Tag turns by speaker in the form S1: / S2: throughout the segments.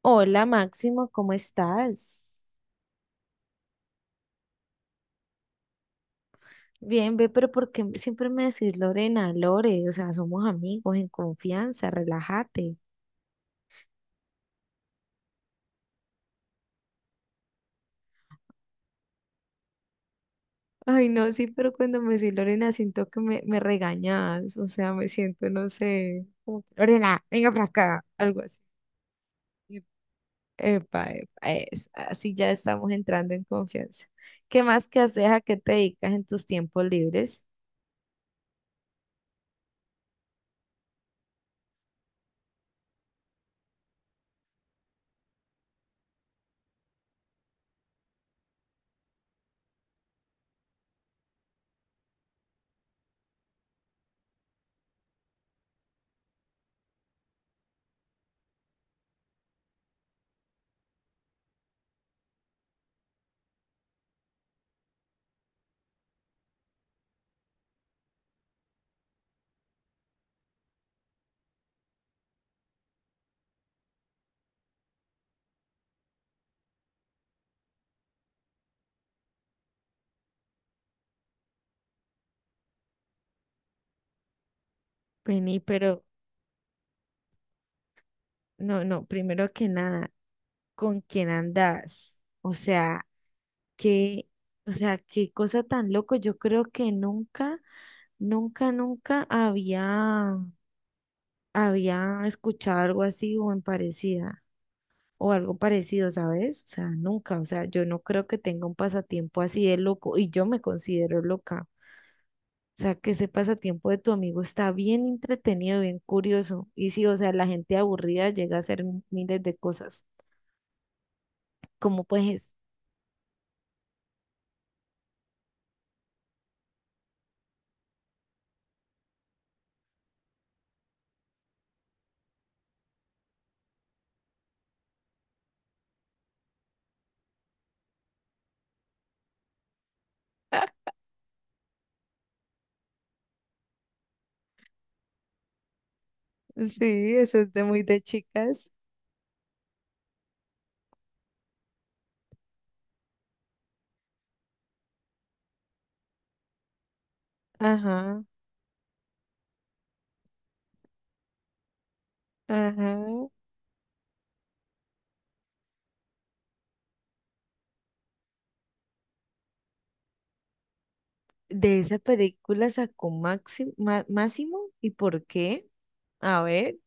S1: Hola Máximo, ¿cómo estás? Bien, ve, pero ¿por qué siempre me decís Lorena, Lore? O sea, somos amigos en confianza, relájate. Ay, no, sí, pero cuando me decís Lorena siento que me regañas, o sea, me siento, no sé, como que, Lorena, venga para acá, algo así. Ep- Epa, epa, eso, así ya estamos entrando en confianza. ¿Qué más que haces? ¿A qué te dedicas en tus tiempos libres? Vení, pero no, no, primero que nada, ¿con quién andas? O sea, Qué, o sea, qué cosa tan loco. Yo creo que nunca, nunca, nunca había escuchado algo así o en parecida o algo parecido, ¿sabes? O sea, nunca. O sea, yo no creo que tenga un pasatiempo así de loco y yo me considero loca. O sea, que ese pasatiempo de tu amigo está bien entretenido, bien curioso. Y sí, o sea, la gente aburrida llega a hacer miles de cosas. ¿Cómo pues? Sí, eso es de muy de chicas. Ajá, ajá. De esa película sacó Máximo, Máximo, ¿y por qué? A ver,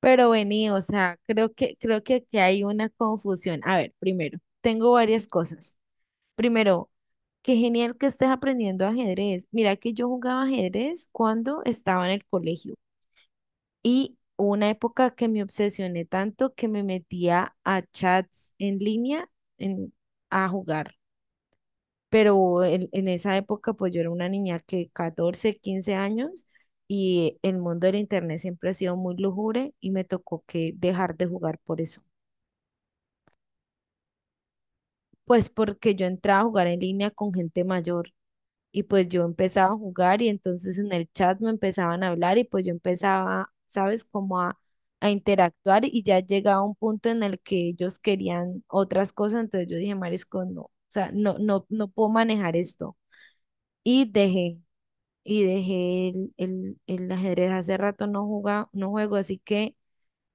S1: pero vení, o sea, creo que aquí hay una confusión. A ver, primero, tengo varias cosas. Primero, qué genial que estés aprendiendo ajedrez. Mira que yo jugaba ajedrez cuando estaba en el colegio y hubo una época que me obsesioné tanto que me metía a chats en línea en- a jugar. Pero en esa época pues yo era una niña que 14 15 años, y el mundo del internet siempre ha sido muy lúgubre y me tocó que dejar de jugar por eso. Pues porque yo entraba a jugar en línea con gente mayor y pues yo empezaba a jugar y entonces en el chat me empezaban a hablar y pues yo empezaba, ¿sabes? Como a interactuar y ya llegaba un punto en el que ellos querían otras cosas, entonces yo dije, Marisco, no, o sea, no, no, no puedo manejar esto y dejé. Y dejé el ajedrez. Hace rato no juego, así que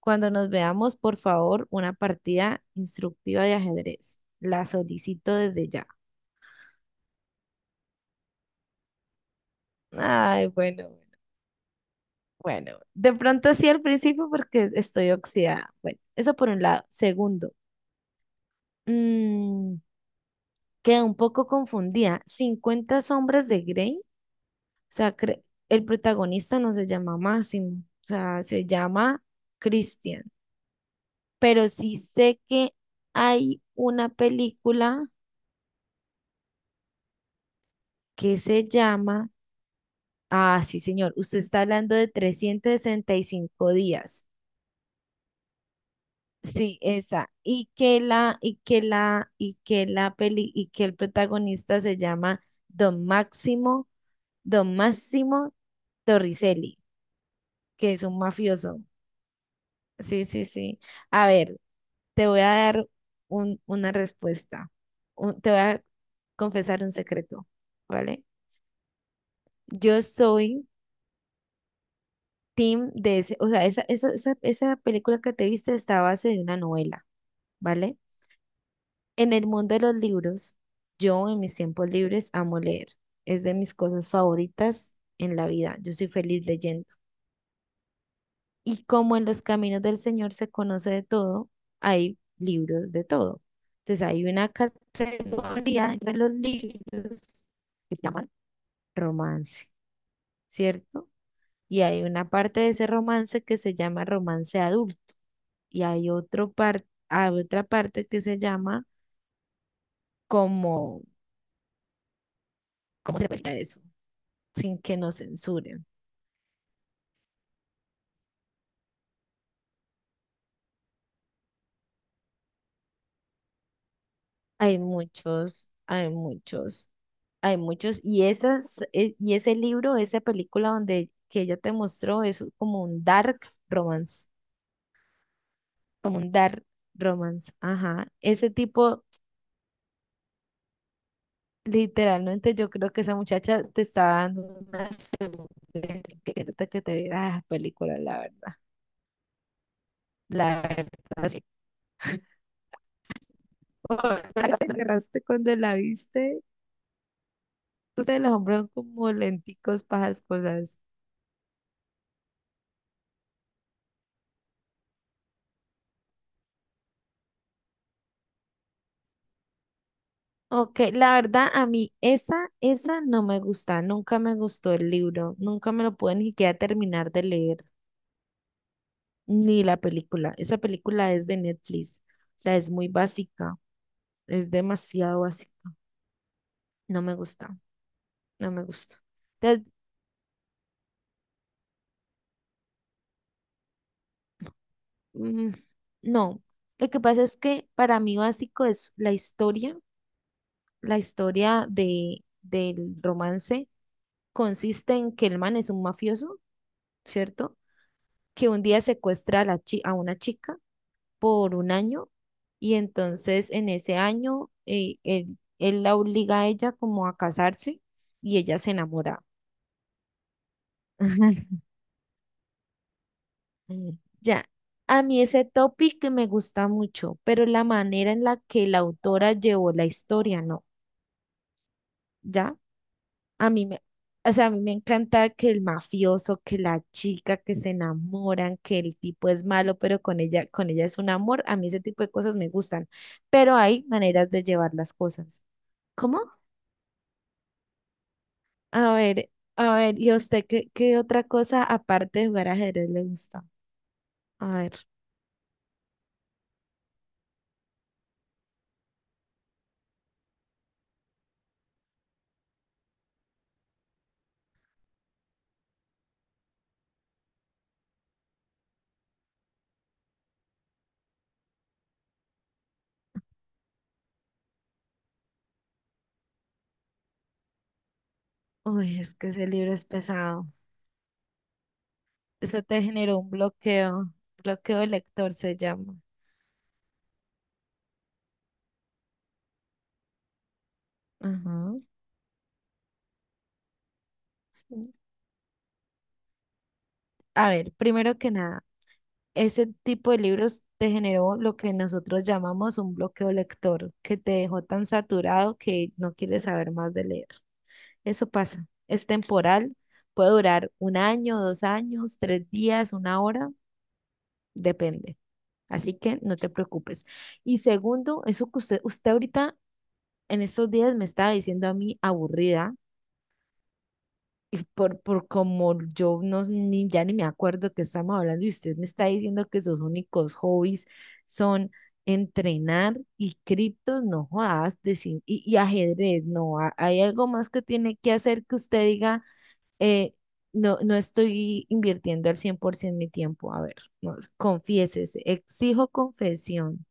S1: cuando nos veamos, por favor, una partida instructiva de ajedrez. La solicito desde ya. Ay, bueno, bueno. Bueno, de pronto sí al principio porque estoy oxidada. Bueno, eso por un lado. Segundo, mm, quedé un poco confundida. 50 sombras de Grey. O sea, el protagonista no se llama Máximo, o sea, se llama Christian. Pero sí sé que hay una película que se llama, ah, sí, señor, usted está hablando de 365 días. Sí, esa. Y que la, y que la, y que la peli, y que el protagonista se llama Don Máximo, Don Máximo Torricelli, que es un mafioso. Sí, sí, sí. A ver, te voy a dar una respuesta. Te voy a confesar un secreto, ¿vale? Yo soy team de ese, o sea, esa película que te viste está a base de una novela, ¿vale? En el mundo de los libros, yo en mis tiempos libres amo leer. Es de mis cosas favoritas en la vida. Yo soy feliz leyendo. Y como en los caminos del Señor se conoce de todo, hay libros de todo. Entonces hay una categoría de los libros que se llaman romance, ¿cierto? Y hay una parte de ese romance que se llama romance adulto y hay otra parte que se llama como, ¿cómo se puede eso? Sin que nos censuren. Hay muchos, hay muchos, hay muchos. Y ese libro, esa película donde que ella te mostró es como un dark romance, como un dark romance. Ajá. Ese tipo, literalmente yo creo que esa muchacha te estaba dando una segunda etiqueta que te viera la película, la verdad. La verdad te agarraste cuando la viste. Ustedes los hombres son como lenticos para esas cosas. Ok, la verdad a mí esa no me gusta, nunca me gustó el libro, nunca me lo pude ni siquiera terminar de leer, ni la película. Esa película es de Netflix, o sea, es muy básica, es demasiado básica. No me gusta, no me gusta. Entonces, mm, no, lo que pasa es que para mí básico es la historia, del romance consiste en que el man es un mafioso, ¿cierto? Que un día secuestra a una chica por un año y entonces en ese año él la obliga a ella como a casarse y ella se enamora. Ya, a mí ese topic me gusta mucho, pero la manera en la que la autora llevó la historia, ¿no? ¿Ya? A mí me, o sea, a mí me encanta que el mafioso, que la chica que se enamoran, que el tipo es malo, pero con ella es un amor. A mí ese tipo de cosas me gustan, pero hay maneras de llevar las cosas. ¿Cómo? A ver, a ver, ¿y a usted qué otra cosa aparte de jugar ajedrez le gusta? A ver, uy, es que ese libro es pesado. Eso te generó un bloqueo, bloqueo de lector se llama. Ajá. Sí. A ver, primero que nada. Ese tipo de libros te generó lo que nosotros llamamos un bloqueo lector, que te dejó tan saturado que no quieres saber más de leer. Eso pasa, es temporal, puede durar un año, 2 años, 3 días, una hora, depende. Así que no te preocupes. Y segundo, eso que usted ahorita en estos días me estaba diciendo a mí aburrida. Y por como yo no, ni, ya ni me acuerdo que estamos hablando y usted me está diciendo que sus únicos hobbies son entrenar y criptos, no jodas, decir, y ajedrez, no, hay algo más que tiene que hacer que usted diga, eh, no, no estoy invirtiendo al 100% mi tiempo, a ver, no, confiésese, exijo confesión.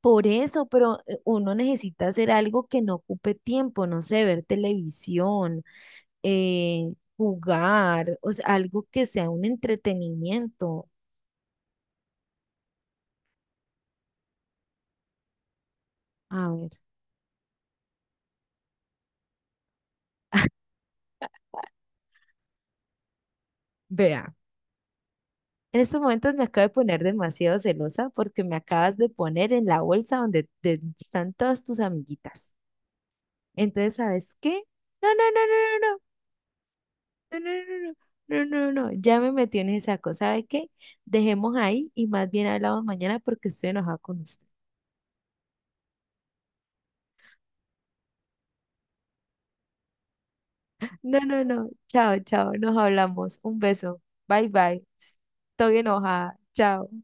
S1: Por eso, pero uno necesita hacer algo que no ocupe tiempo, no sé, ver televisión, jugar, o sea, algo que sea un entretenimiento. A ver, vea. En estos momentos me acabo de poner demasiado celosa porque me acabas de poner en la bolsa donde están todas tus amiguitas. Entonces, ¿sabes qué? No, no, no, no, no, no, no, no, no, no, no, no, no, ya me metí en esa cosa. ¿Sabe qué? Dejemos ahí y más bien hablamos mañana porque estoy enojada con usted. No, no, no, chao, chao, nos hablamos. Un beso, bye, bye. Estoy enojada, chao.